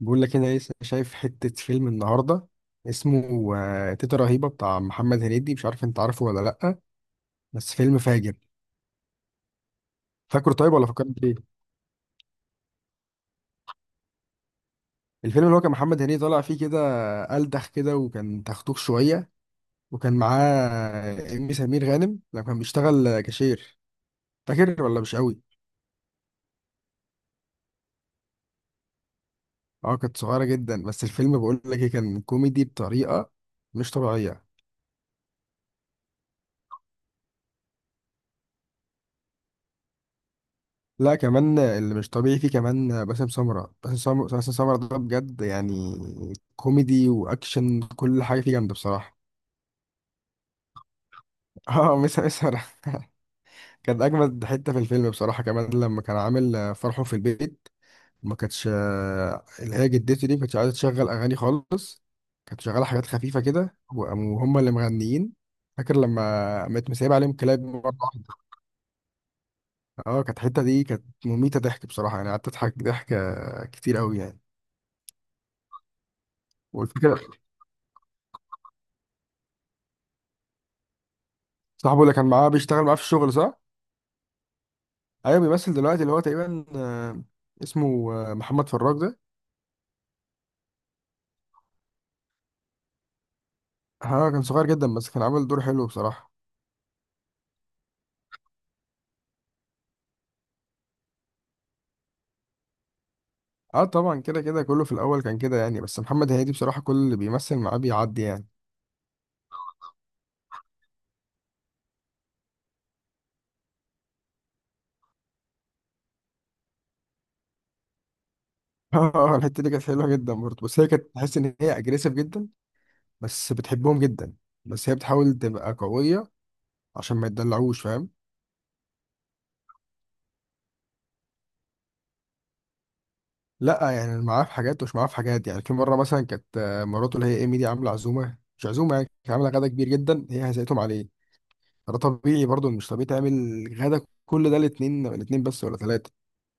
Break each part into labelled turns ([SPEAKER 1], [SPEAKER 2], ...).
[SPEAKER 1] بقول لك انا لسه شايف حتة فيلم النهاردة. اسمه تيتا رهيبة بتاع محمد هنيدي، مش عارف انت عارفه ولا لأ، بس فيلم فاجر. فاكره طيب ولا فكرت فيه؟ الفيلم اللي هو كان محمد هنيدي طالع فيه كده، ألدخ كده، وكان تختوخ شوية، وكان معاه إيمي سمير غانم لما كان بيشتغل كاشير. فاكر ولا مش قوي؟ اه، كانت صغيرة جدا. بس الفيلم بقول لك كان كوميدي بطريقة مش طبيعية. لا كمان اللي مش طبيعي فيه كمان باسم سمرة باسم سمرة باسم سمرة، ده بجد يعني كوميدي واكشن، كل حاجه فيه جامده بصراحه. اه، مسا مسا. كان اجمد حته في الفيلم بصراحه، كمان لما كان عامل فرحه في البيت، ما كانتش، اللي هي جدته دي ما كانتش عايزه تشغل اغاني خالص، كانت شغاله حاجات خفيفه كده، وهم اللي مغنيين. فاكر لما قامت مسايبه عليهم كلاب مره واحده؟ اه، كانت الحته دي كانت مميته ضحك بصراحه، يعني قعدت اضحك ضحك كتير قوي يعني. والفكره، صاحبه اللي كان معاه بيشتغل معاه في الشغل، صح؟ ايوه، بيمثل دلوقتي، اللي هو تقريبا اسمه محمد فراج ده. ها، كان صغير جدا، بس كان عامل دور حلو بصراحة. اه طبعا، كده كده كله في الاول كان كده يعني، بس محمد هنيدي بصراحة كل اللي بيمثل معاه بيعدي يعني. اه، الحتة دي كانت حلوة جدا برضه، بس هي كانت تحس ان هي اجريسيف جدا، بس بتحبهم جدا، بس هي بتحاول تبقى قوية عشان ما يتدلعوش، فاهم؟ لا يعني معاه في حاجات ومش معاه في حاجات، يعني في مرة مثلا كانت مراته اللي هي ايمي دي عاملة عزومة، مش عزومة يعني، كانت عاملة غدا كبير جدا، هي هزقتهم عليه. ده طبيعي برضو، مش طبيعي تعمل غدا كل ده الاتنين الاتنين بس ولا ثلاثة.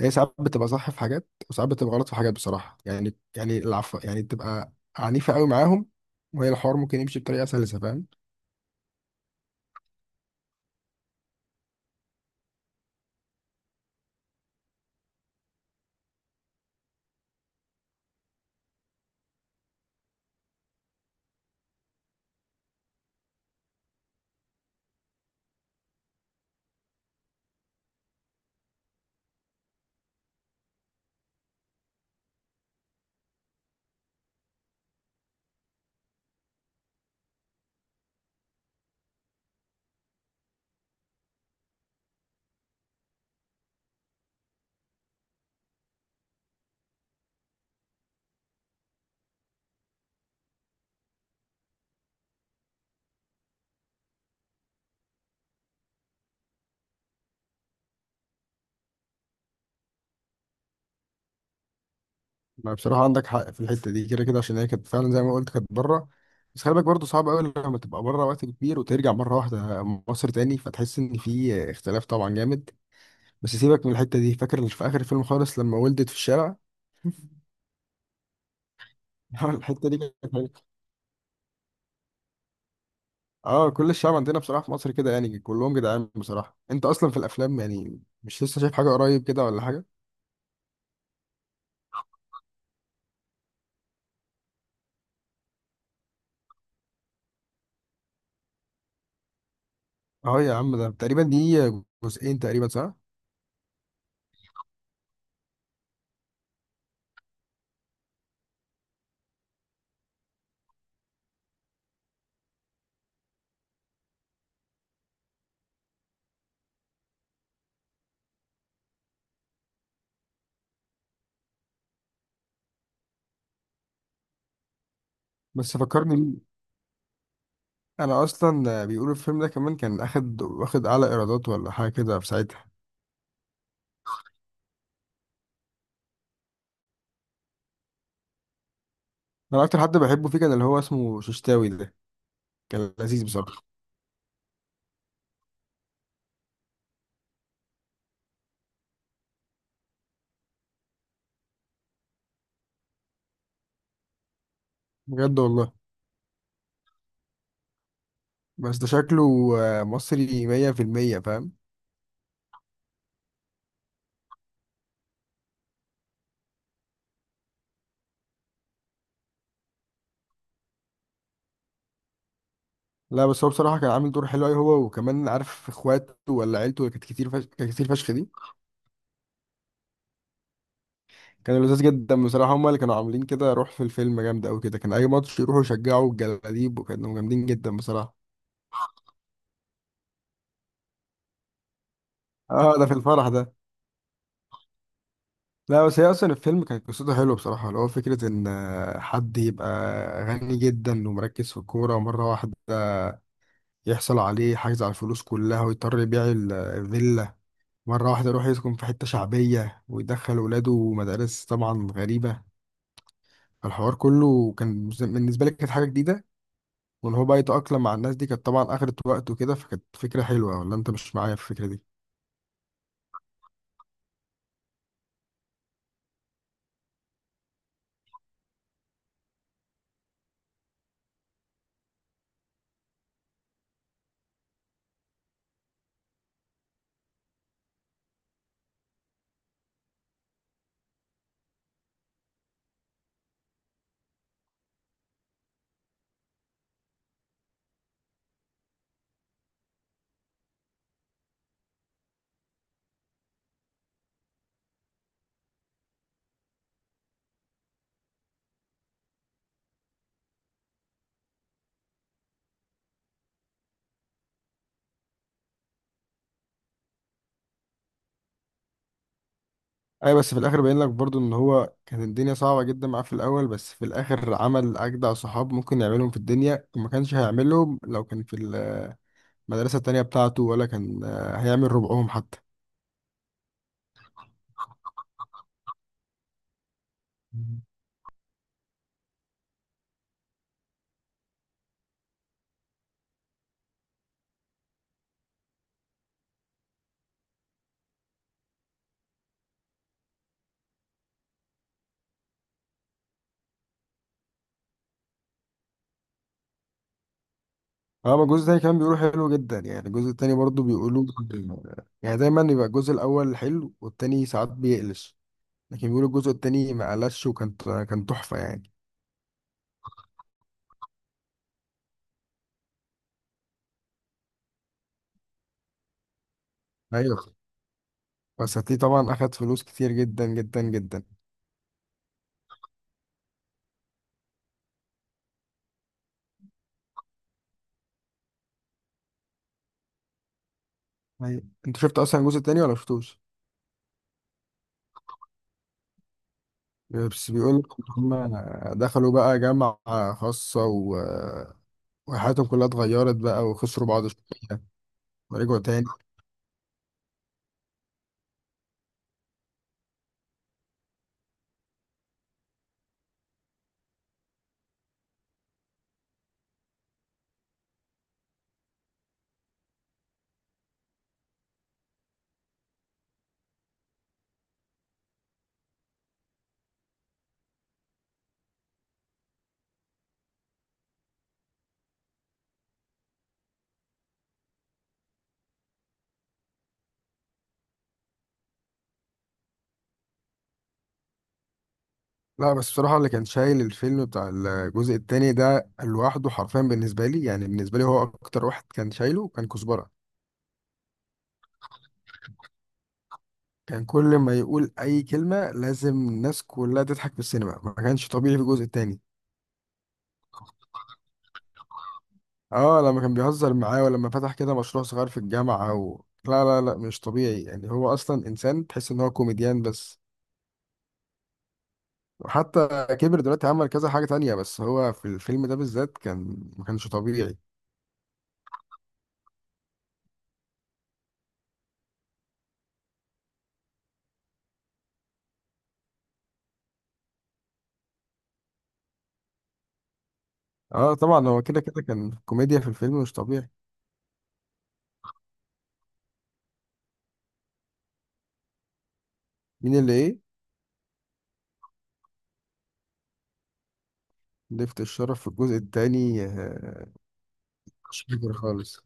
[SPEAKER 1] هي ساعات بتبقى صح في حاجات، وساعات بتبقى غلط في حاجات بصراحة، يعني العفو يعني، بتبقى عنيفة قوي معاهم، وهي الحوار ممكن يمشي بطريقة سلسة، فاهم؟ ما بصراحة عندك حق في الحتة دي، كده كده عشان هي كانت فعلا زي ما قلت كانت بره. بس خلي بالك برضه، صعب قوي لما تبقى بره وقت كبير وترجع مرة واحدة مصر تاني، فتحس إن في اختلاف طبعا جامد. بس سيبك من الحتة دي، فاكر في آخر الفيلم خالص لما ولدت في الشارع؟ الحتة دي كانت حلوة. اه، كل الشعب عندنا بصراحة في مصر كده، يعني كلهم جدعان بصراحة. انت اصلا في الافلام يعني مش لسه شايف حاجة قريب كده ولا حاجة؟ اه يا عم، ده تقريبا دي جزئين تقريبا، صح؟ بس فكرني بيه. انا اصلا بيقولوا الفيلم ده كمان كان اخد واخد اعلى ايرادات ولا حاجة كده في ساعتها. انا اكتر حد بحبه فيه كان اللي هو اسمه ششتاوي ده، كان لذيذ بصراحة. بجد والله. بس ده شكله مصري 100% فاهم. لا بس هو بصراحة كان عامل دور حلو أوي، هو وكمان عارف اخواته ولا عيلته كانت كتير فشخ دي، كان لذيذ جدا بصراحة. هما اللي كانوا عاملين كده روح في الفيلم جامد أوي كده، كان أي ماتش يروحوا يشجعوا الجلاديب وكانوا جامدين جدا بصراحة. اه ده في الفرح ده. لا بس هي أصلا الفيلم كانت قصته حلوة بصراحة، اللي هو فكرة إن حد يبقى غني جدا ومركز في الكورة، ومرة واحدة يحصل عليه حجز على الفلوس كلها ويضطر يبيع الفيلا، مرة واحدة يروح يسكن في حتة شعبية ويدخل ولاده مدارس طبعا غريبة. الحوار كله كان بالنسبة لي كانت حاجة جديدة، وان هو بقى يتأقلم مع الناس دي كانت طبعا اخدت وقت وكده، فكانت فكرة حلوة، ولا انت مش معايا في الفكرة دي؟ ايوه بس في الاخر باين لك برضو ان هو كانت الدنيا صعبة جدا معاه في الاول، بس في الاخر عمل اجدع صحاب ممكن يعملهم في الدنيا، وما كانش هيعملهم لو كان في المدرسة التانية بتاعته، ولا كان هيعمل ربعهم حتى. اما الجزء التاني كان بيقولوا حلو جدا، يعني الجزء التاني برضو بيقولوا، يعني دايما يبقى الجزء الاول حلو والتاني ساعات بيقلش، لكن بيقولوا الجزء التاني ما قلش وكان تحفة يعني. ايوه بس هتلاقيه طبعا اخد فلوس كتير جدا جدا جدا. أيوة. انت شفت اصلا الجزء التاني ولا شفتوش؟ بس بيقول لك هم دخلوا بقى جامعة خاصة وحياتهم كلها اتغيرت بقى وخسروا بعض شوية، ورجعوا تاني. لا بس بصراحة اللي كان شايل الفيلم بتاع الجزء التاني ده لوحده حرفيا، بالنسبة لي يعني، بالنسبة لي هو أكتر واحد كان شايله كان كزبرة. كان كل ما يقول أي كلمة لازم الناس كلها تضحك في السينما، ما كانش طبيعي في الجزء التاني. اه لما كان بيهزر معاه، ولما فتح كده مشروع صغير في الجامعة لا لا لا، مش طبيعي يعني، هو اصلا انسان تحس ان هو كوميديان بس. وحتى كبر دلوقتي عمل كذا حاجة تانية، بس هو في الفيلم ده بالذات كان ما كانش طبيعي. اه طبعا، هو كده كده كان كوميديا في الفيلم مش طبيعي. مين اللي ايه؟ لفت الشرف في الجزء التاني مش فاكر خالص.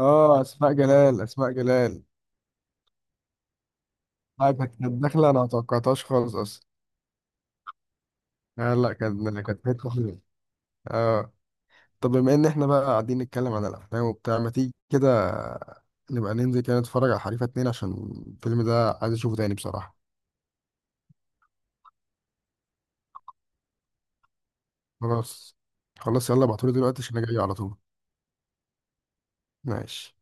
[SPEAKER 1] اه، اسماء جلال اسماء جلال. كانت داخلة، انا ما توقعتهاش خالص اصلا. آه لا، كانت حتة حلوة. اه. طب بما ان احنا بقى قاعدين نتكلم عن الافلام وبتاع، ما تيجي كده نبقى ننزل كده نتفرج على حريفه اتنين، عشان الفيلم ده عايز اشوفه تاني بصراحه. خلاص. خلاص يلا ابعتولي دلوقتي عشان انا جاي على طول. ماشي.